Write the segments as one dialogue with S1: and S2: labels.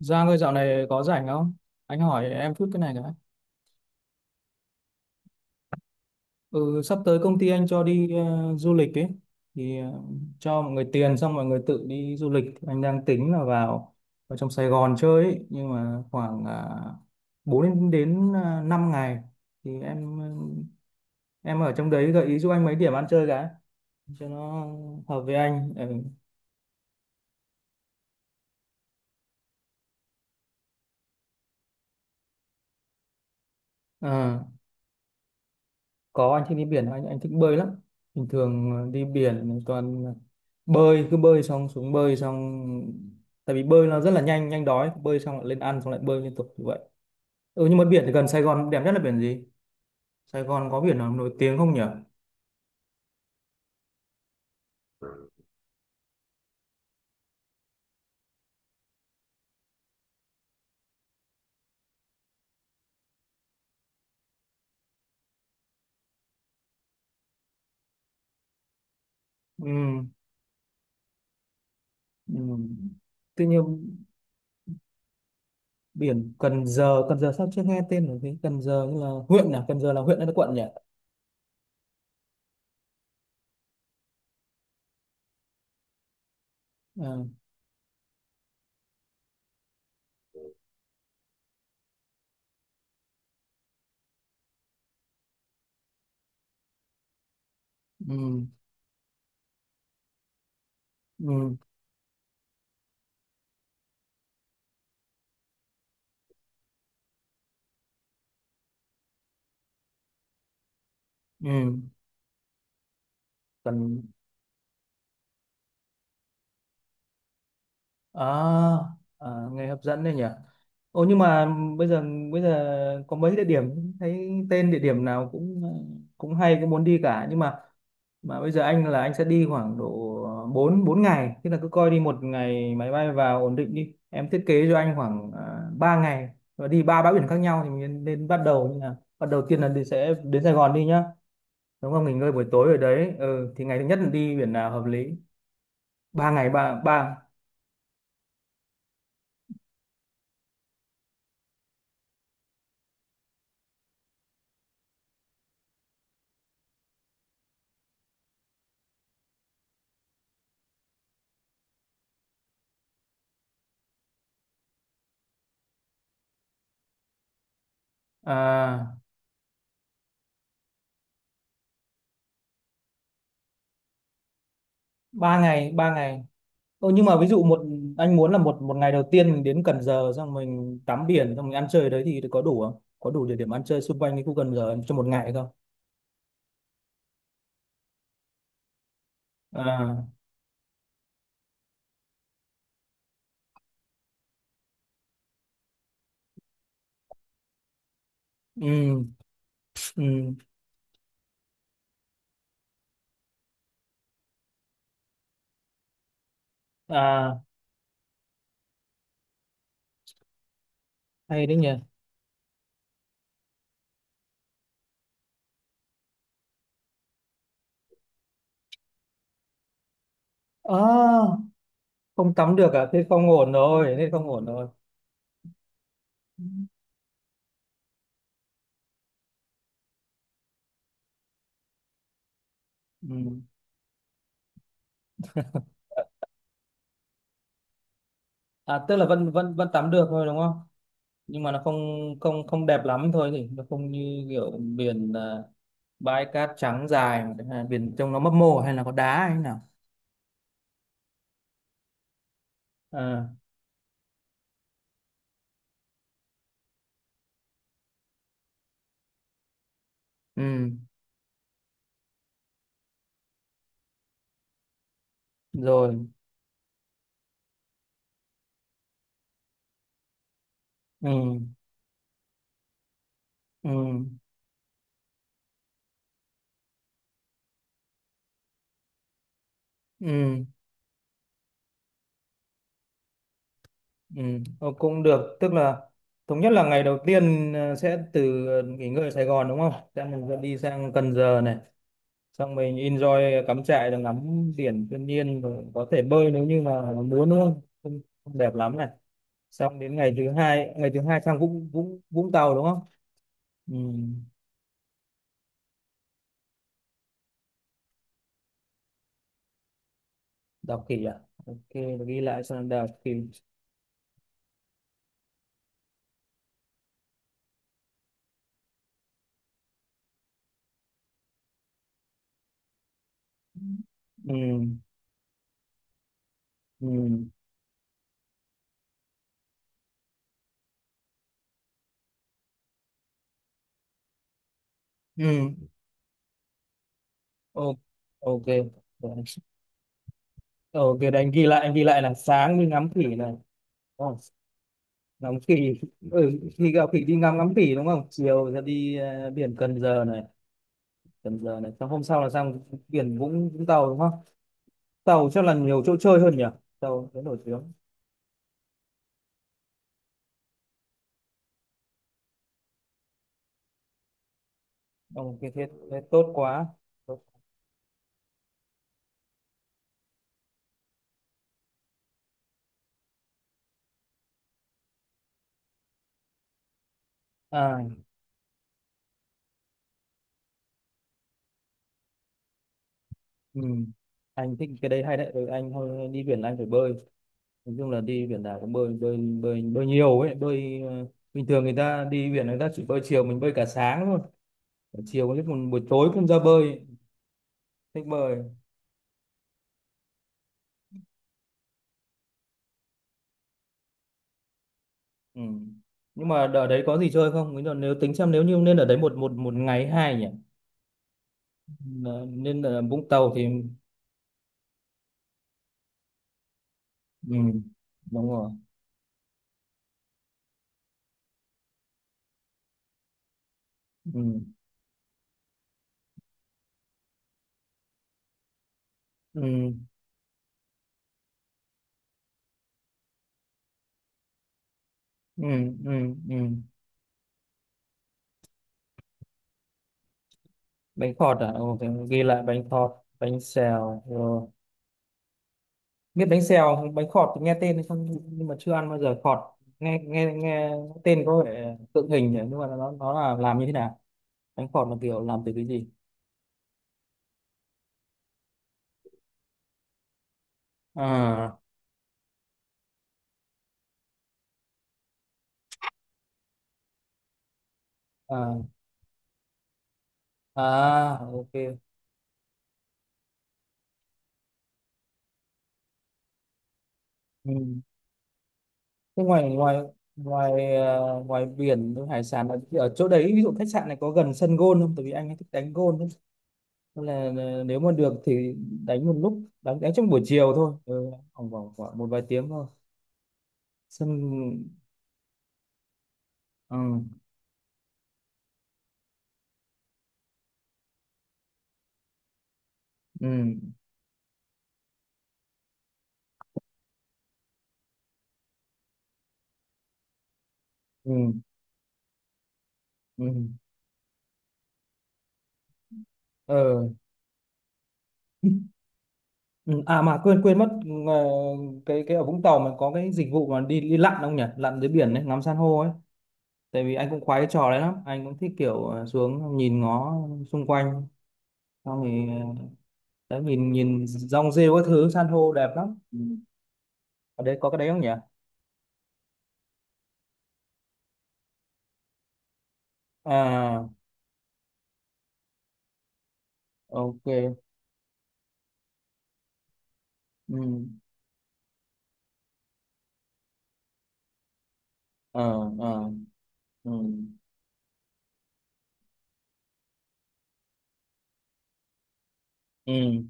S1: Giang ơi dạo này có rảnh không? Anh hỏi em chút cái này nữa. Ừ, sắp tới công ty anh cho đi du lịch ấy. Thì ờ, cho mọi người tiền xong mọi người tự đi du lịch. Anh đang tính là vào vào trong Sài Gòn chơi ấy. Nhưng mà khoảng 4 ngày đến 5 ngày. Thì em ờ, em ở trong đấy gợi ý giúp anh mấy điểm ăn chơi cái. Cho nó hợp với anh. Ừ. Ờ. Có anh thích đi biển, anh thích bơi lắm. Bình thường đi biển mình toàn bơi, cứ bơi xong xuống bơi xong, tại vì bơi nó rất là nhanh, nhanh đói, bơi xong lại lên ăn xong lại bơi liên tục như vậy. Ừ, nhưng mà biển thì gần Sài Gòn đẹp nhất là biển gì? Sài Gòn có biển nào nổi tiếng không nhỉ? Ừ, ừ. Tuy nhiên biển Cần Giờ, Cần Giờ sao chưa nghe tên là gì? Cần Giờ như là huyện à? Cần Giờ là huyện hay là quận nhỉ? À, ừ, ừ, ừ. Cần, à, à, nghe hấp dẫn đấy nhỉ. Ồ nhưng mà bây giờ, bây giờ có mấy địa điểm thấy tên địa điểm nào cũng cũng hay, cũng muốn đi cả. Nhưng mà bây giờ anh là anh sẽ đi khoảng độ 4 4 ngày, tức là cứ coi đi một ngày máy bay vào ổn định, đi em thiết kế cho anh khoảng 3 ngày và đi ba bãi biển khác nhau. Thì mình nên bắt đầu như nào? Bắt đầu tiên là đi sẽ đến Sài Gòn đi nhá, đúng không, nghỉ ngơi buổi tối ở đấy. Ừ, thì ngày thứ nhất là đi biển nào hợp lý? ba ngày ba ba à, ba ngày ba ngày. Ồ, nhưng mà ví dụ anh muốn là một, ngày đầu tiên mình đến Cần Giờ xong mình tắm biển, xong mình ăn chơi ở đấy thì có đủ không? Có đủ địa điểm ăn chơi xung quanh cái khu Cần Giờ cho một ngày không? À, ừ, ừ, à, hay đấy nhỉ. À, không tắm được à? Thế không ổn rồi, thế không ổn rồi. Ừ. À, tức là vẫn vẫn vẫn tắm được thôi đúng không? Nhưng mà nó không, không không đẹp lắm thôi nhỉ? Nó không như kiểu biển, bãi cát trắng dài, mà, à, biển trông nó mấp mô hay là có đá hay thế nào? À, ừ. Rồi, ừ, ừ, ừ, ừ. Ờ, cũng được, tức là thống nhất là ngày đầu tiên sẽ từ, nghỉ ngơi ở Sài Gòn đúng không, sẽ mình sẽ đi sang Cần Giờ này, xong mình enjoy cắm trại rồi ngắm biển thiên nhiên, rồi có thể bơi nếu như mà muốn đúng không, không, không đẹp lắm này. Xong đến ngày thứ hai, ngày thứ hai sang Vũng Vũng Vũng Tàu đúng không? Ừ. Đọc kỹ à? Ok, ghi lại xong đọc kỹ. Ừ, ừ, ừ, ok, ok. Ồ, cái đấy anh ghi lại là sáng đi ngắm khỉ này. Ồ, ngắm khỉ, ừ, khi gặp khỉ đi ngắm ngắm khỉ đúng không? Chiều ra đi biển Cần Giờ này, Cần Giờ này. Xong hôm sau là sang biển Vũng Vũng Tàu đúng không? Tàu chắc là nhiều chỗ chơi hơn nhỉ? Tàu thế nổi tiếng. Ồ, cái thế, thế tốt quá. Tốt. À, ừ. Anh thích cái đấy, hay đấy. Ừ, anh thôi đi biển là anh phải bơi. Nói chung là đi biển nào cũng bơi, bơi, bơi, bơi nhiều ấy. Bơi bình thường người ta đi biển người ta chỉ bơi chiều, mình bơi cả sáng thôi. Chiều có lúc còn buổi tối cũng ra bơi, thích bơi. Ừ. Nhưng mà ở đấy có gì chơi không? Nếu nếu tính xem nếu như nên ở đấy một, một ngày hai nhỉ? Ờ, nên ở Vũng Tàu thì ừ. Đúng rồi. Ừ. Ừ. Ừ. Ừ. Ừ. Bánh khọt à? Ồ, thì ghi lại bánh khọt. Bánh xèo rồi, biết bánh xèo không? Bánh khọt thì nghe tên hay không nhưng mà chưa ăn bao giờ. Khọt, nghe, nghe tên có vẻ tượng hình nhỉ, nhưng mà nó là làm như thế nào, bánh khọt là kiểu làm từ cái gì? À, à, à, ok. Ừ. Thế ngoài, ngoài ngoài biển, ngoài hải sản ở chỗ đấy, ví dụ khách sạn này có gần sân golf không, tại vì anh ấy thích đánh golf ấy. Nên là nếu mà được thì đánh một lúc, đánh đánh trong buổi chiều thôi. Ừ, khoảng khoảng khoảng một vài tiếng thôi. Sân, ừ, ừ, ừ, ừ, ờ. Ừ. À mà quên quên mất ờ, cái ở Vũng Tàu mà có cái dịch vụ mà đi, lặn không nhỉ? Lặn dưới biển đấy, ngắm san hô ấy. Tại vì anh cũng khoái cái trò đấy lắm, anh cũng thích kiểu xuống nhìn ngó xung quanh, xong thì ờ, đấy, nhìn, rong rêu các thứ, san hô đẹp lắm. Ừ. Ở đây có cái đấy không nhỉ? À, ok. Ừ, ờ, ờ, ừ, ừ.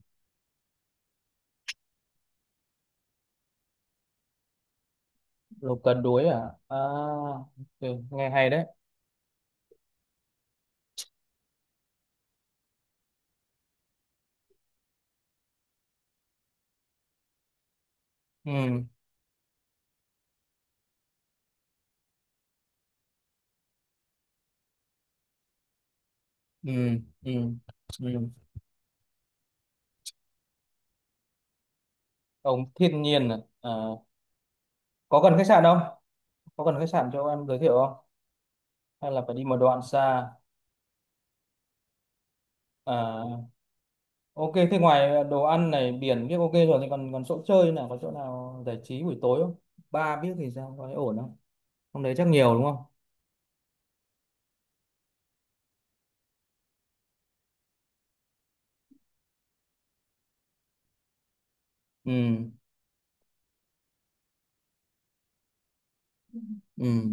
S1: Lục cần đuối à? À, ok. Nghe hay đấy. Ừ, ừ, ừ, ừ. Ông thiên nhiên à? Ờ, có cần khách sạn không, có cần khách sạn cho em giới thiệu không, hay là phải đi một đoạn xa? À, ok. Thế ngoài đồ ăn này, biển biết ok rồi, thì còn, còn chỗ chơi nào, có chỗ nào giải trí buổi tối không? Ba biết thì sao, có thấy ổn không? Hôm đấy chắc nhiều đúng không? Ừ, ừ,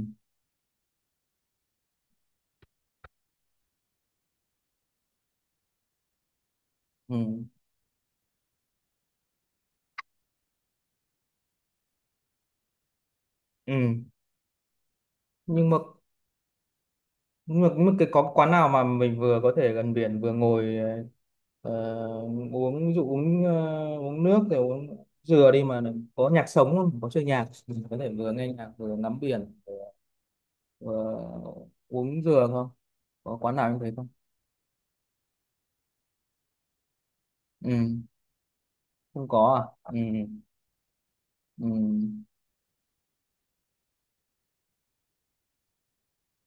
S1: ừ, ừ. Nhưng mà, nhưng mà, nhưng mà cái có quán nào mà mình vừa có thể gần biển vừa ngồi ờ, uống, ví dụ uống uống nước rồi uống dừa đi mà, có nhạc sống không? Có chơi nhạc, mình có thể vừa nghe nhạc vừa ngắm biển vừa uống dừa không? Có quán nào như thế không? Ừ, không có à? Ừ. Ừ,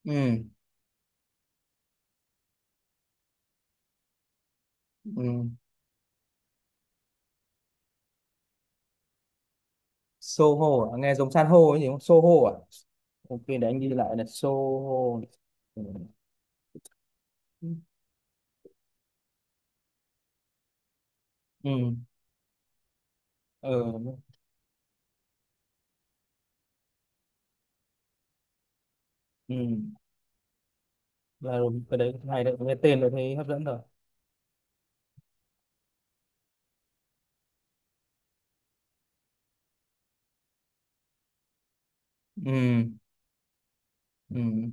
S1: ừ, ừ. Soho à? Nghe giống san hô ấy gì không? Soho à? Ok, để anh ghi lại là Soho. Ừ, ừ, ừ, ừ, ừ. Là cái đấy hay đấy, nghe tên rồi thấy hấp dẫn rồi. Ừ, ừ.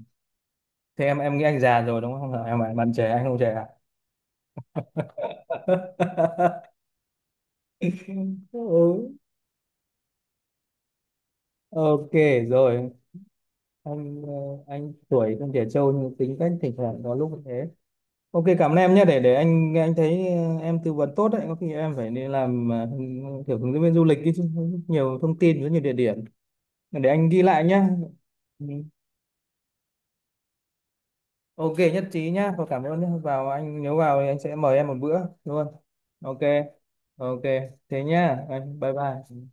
S1: Thế em nghĩ anh già rồi đúng không? Em bạn, trẻ, anh không trẻ à? Ừ. Ok rồi. anh ờ, anh tuổi không trẻ trâu nhưng tính cách thỉnh thoảng có lúc thế. Ok cảm ơn em nhé, để anh thấy em tư vấn tốt đấy, có khi em phải đi làm kiểu hướng dẫn viên du lịch ấy chứ, nhiều thông tin, rất nhiều địa điểm. Để anh ghi lại nhé. Ừ. Ok, nhất trí nhá, và cảm ơn nhé, vào anh, nếu vào thì anh sẽ mời em một bữa luôn. Ok. Ok, thế nhá, anh bye bye.